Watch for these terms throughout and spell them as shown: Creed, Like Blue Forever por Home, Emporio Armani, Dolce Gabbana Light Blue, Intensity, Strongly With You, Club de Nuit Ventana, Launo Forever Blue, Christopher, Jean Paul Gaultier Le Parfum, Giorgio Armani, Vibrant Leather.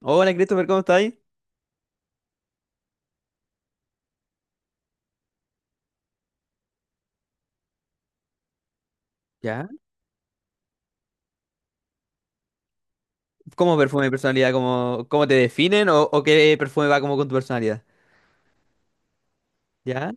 Hola Christopher, ¿cómo estás ahí? ¿Ya? ¿Cómo perfume mi personalidad? ¿Cómo te definen? ¿O qué perfume va como con tu personalidad? ¿Ya?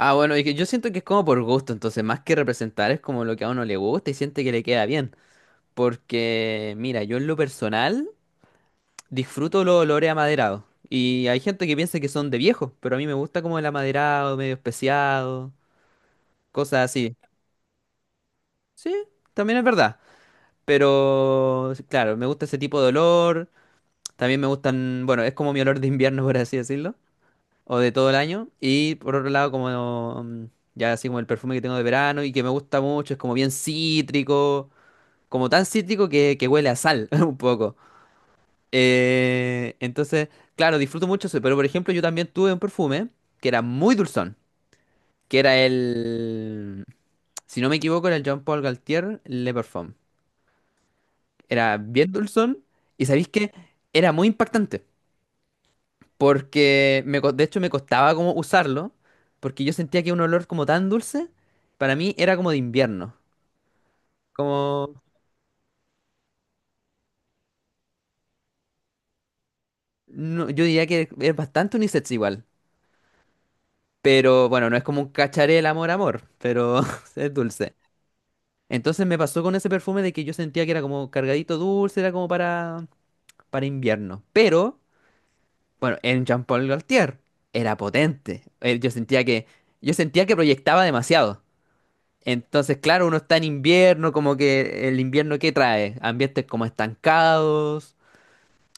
Ah, bueno, y que yo siento que es como por gusto, entonces más que representar es como lo que a uno le gusta y siente que le queda bien. Porque, mira, yo en lo personal disfruto los olores amaderados. Y hay gente que piensa que son de viejo, pero a mí me gusta como el amaderado, medio especiado, cosas así. Sí, también es verdad. Pero, claro, me gusta ese tipo de olor. También me gustan, bueno, es como mi olor de invierno, por así decirlo, o de todo el año. Y por otro lado, como ya así como el perfume que tengo de verano y que me gusta mucho, es como bien cítrico, como tan cítrico que huele a sal un poco. Entonces, claro, disfruto mucho eso, pero por ejemplo, yo también tuve un perfume que era muy dulzón, que era el, si no me equivoco, era el Jean Paul Gaultier Le Parfum. Era bien dulzón y ¿sabéis qué? Era muy impactante. Porque de hecho me costaba como usarlo, porque yo sentía que un olor como tan dulce, para mí era como de invierno. Como, no- yo diría que es bastante unisex igual. Pero bueno, no es como un cacharel amor amor, pero es dulce. Entonces me pasó con ese perfume de que yo sentía que era como cargadito dulce, era como para invierno. Pero, bueno, en Jean Paul Gaultier era potente. Yo yo sentía que proyectaba demasiado. Entonces, claro, uno está en invierno, como que el invierno ¿qué trae? Ambientes como estancados,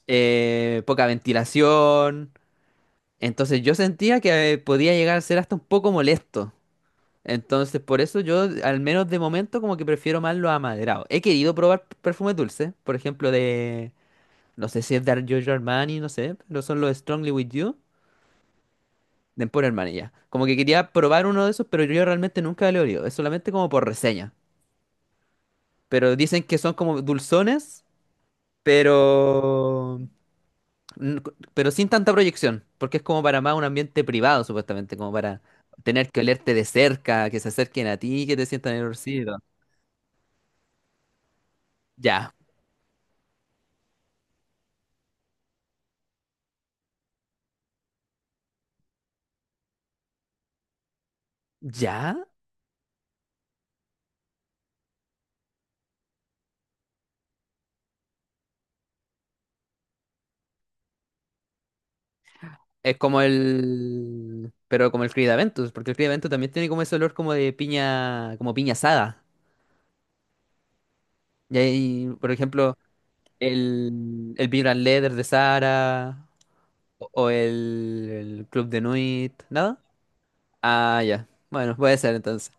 poca ventilación. Entonces yo sentía que podía llegar a ser hasta un poco molesto. Entonces, por eso yo, al menos de momento, como que prefiero más los amaderados. He querido probar perfumes dulces, por ejemplo, de, no sé si es de Giorgio Armani, no sé, pero son los Strongly With You, de Emporio Armani ya. Como que quería probar uno de esos, pero yo realmente nunca lo he olido, es solamente como por reseña. Pero dicen que son como dulzones, pero, pero sin tanta proyección, porque es como para más un ambiente privado, supuestamente, como para tener que olerte de cerca, que se acerquen a ti, que te sientan el olorcito. Ya, ya. Es como el... Pero como el Creed, porque el Creed también tiene como ese olor como de piña, como piña asada. Y ahí, por ejemplo, el Vibrant Leather de Sara o el Club de Nuit, ¿nada? Ah, ya. Bueno, puede ser entonces.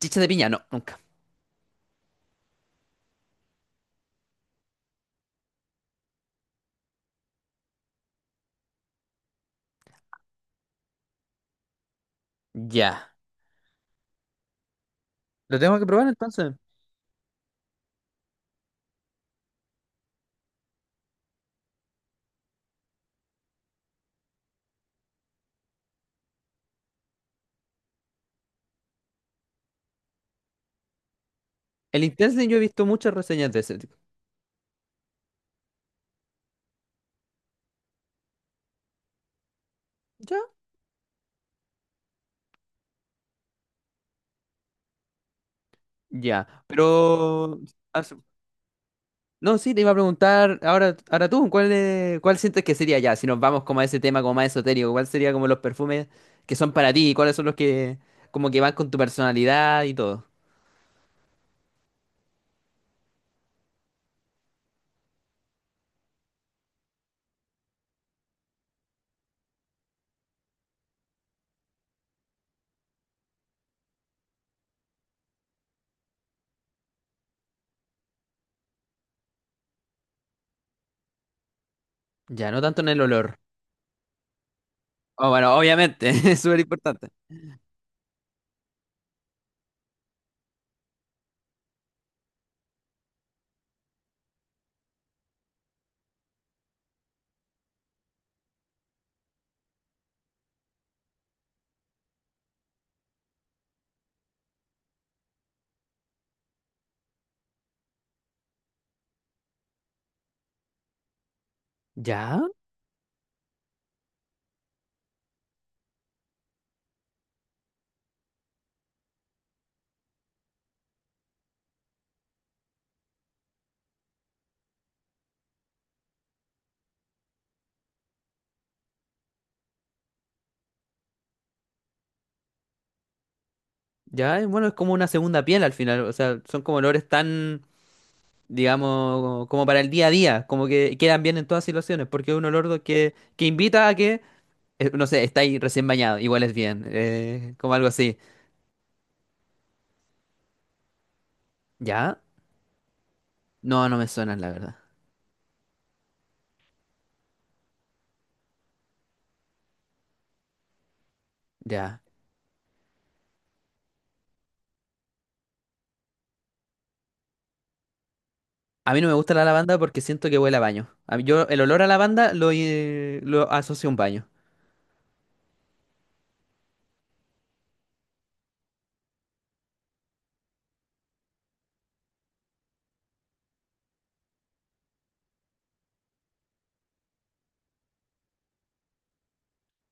Chicha de piña, no, nunca. Ya. Lo tengo que probar entonces. El Intensity yo he visto muchas reseñas de ese tipo. ¿Ya? Ya. Pero. ah, su- No, sí, te iba a preguntar. Ahora tú, ¿cuál, es- cuál sientes que sería ya? Si nos vamos como a ese tema como más esotérico, ¿cuál sería como los perfumes que son para ti? ¿Cuáles son los que como que van con tu personalidad y todo? Ya, no tanto en el olor. Oh, bueno, obviamente, es súper importante. Ya, ya, y bueno, es como una segunda piel al final. O sea, son como olores tan, digamos, como para el día a día, como que quedan bien en todas situaciones, porque es un olor que invita a que, no sé, está ahí recién bañado, igual es bien, como algo así. ¿Ya? No, no me suenan, la verdad. Ya. A mí no me gusta la lavanda porque siento que huele a baño. A mí- yo el olor a lavanda lo asocio a un baño.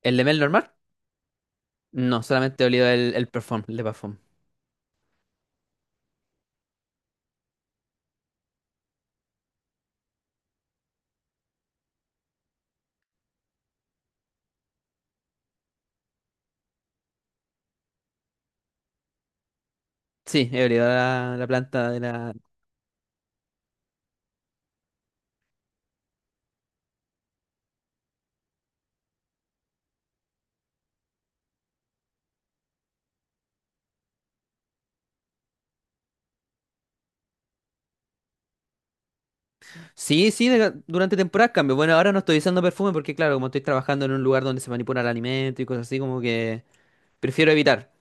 ¿El de Mel normal? No, solamente he olido el perfume, el de parfum. Sí, he olido la planta de la, sí, sí, durante temporadas cambio. Bueno, ahora no estoy usando perfume porque, claro, como estoy trabajando en un lugar donde se manipula el alimento y cosas así, como que prefiero evitar.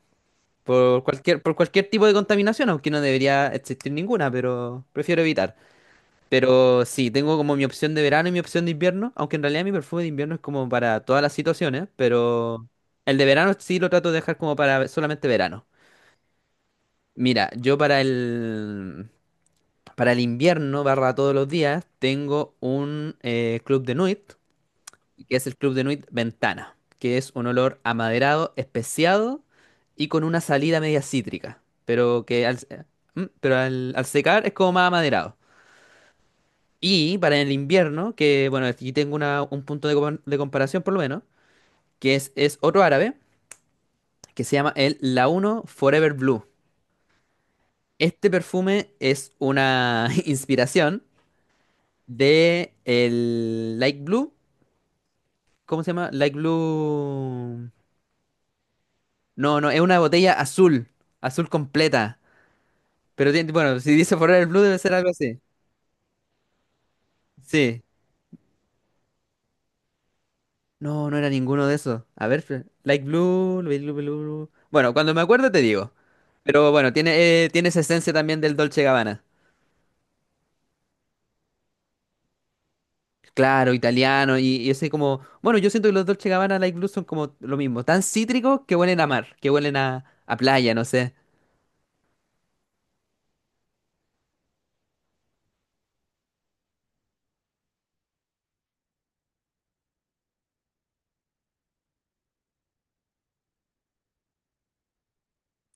Por cualquier tipo de contaminación, aunque no debería existir ninguna, pero prefiero evitar. Pero sí, tengo como mi opción de verano y mi opción de invierno, aunque en realidad mi perfume de invierno es como para todas las situaciones, pero el de verano sí lo trato de dejar como para solamente verano. Mira, yo para para el invierno, barra todos los días, tengo un Club de Nuit que es el Club de Nuit Ventana, que es un olor amaderado, especiado y con una salida media cítrica, pero que al, pero al secar es como más amaderado. Y para el invierno, que bueno, aquí tengo un punto de, de comparación por lo menos, que es otro árabe, que se llama el Launo Forever Blue. Este perfume es una inspiración de el Light Blue, ¿cómo se llama? Light Blue... No, no, es una botella azul, azul completa. Pero tiene, bueno, si dice Forever Blue debe ser algo así. Sí. No, no era ninguno de esos. A ver, Fre- Light Blue, Light Blue, Blue, Blue. Bueno, cuando me acuerdo te digo. Pero bueno, tiene, tiene esa esencia también del Dolce Gabbana. Claro, italiano y ese como... Bueno, yo siento que los Dolce Gabbana Light Blue son como lo mismo. Tan cítricos que huelen a mar, que huelen a playa, no sé.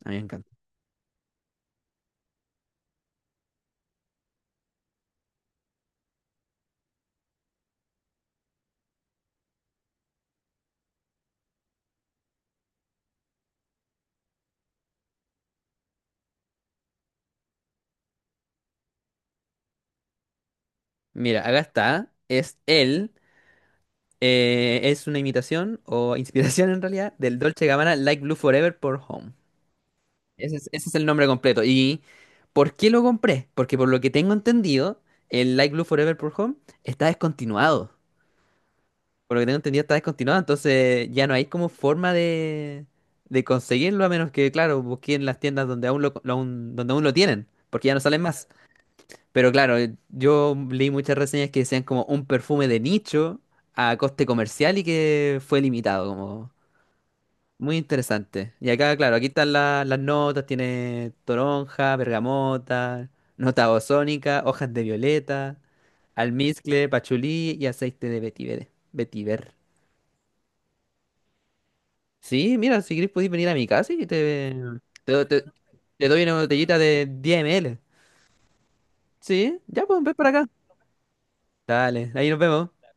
A mí me encanta. Mira, acá está. Es él. Es una imitación o inspiración en realidad del Dolce Gabbana Like Blue Forever por Home. Ese es el nombre completo. ¿Y por qué lo compré? Porque por lo que tengo entendido, el Like Blue Forever por Home está descontinuado. Por lo que tengo entendido está descontinuado, entonces ya no hay como forma de conseguirlo a menos que, claro, busquen las tiendas donde aún lo, donde aún lo tienen, porque ya no salen más. Pero claro, yo leí muchas reseñas que decían como un perfume de nicho a coste comercial y que fue limitado, como muy interesante. Y acá, claro, aquí están las notas, tiene toronja, bergamota, nota ozónica, hojas de violeta, almizcle, pachulí y aceite de vetiver. Vetiver. Sí, mira, si querés podés venir a mi casa y te, te, do- te- te doy una botellita de 10 ml. Sí, ya pues, ven para acá. Dale, ahí nos vemos.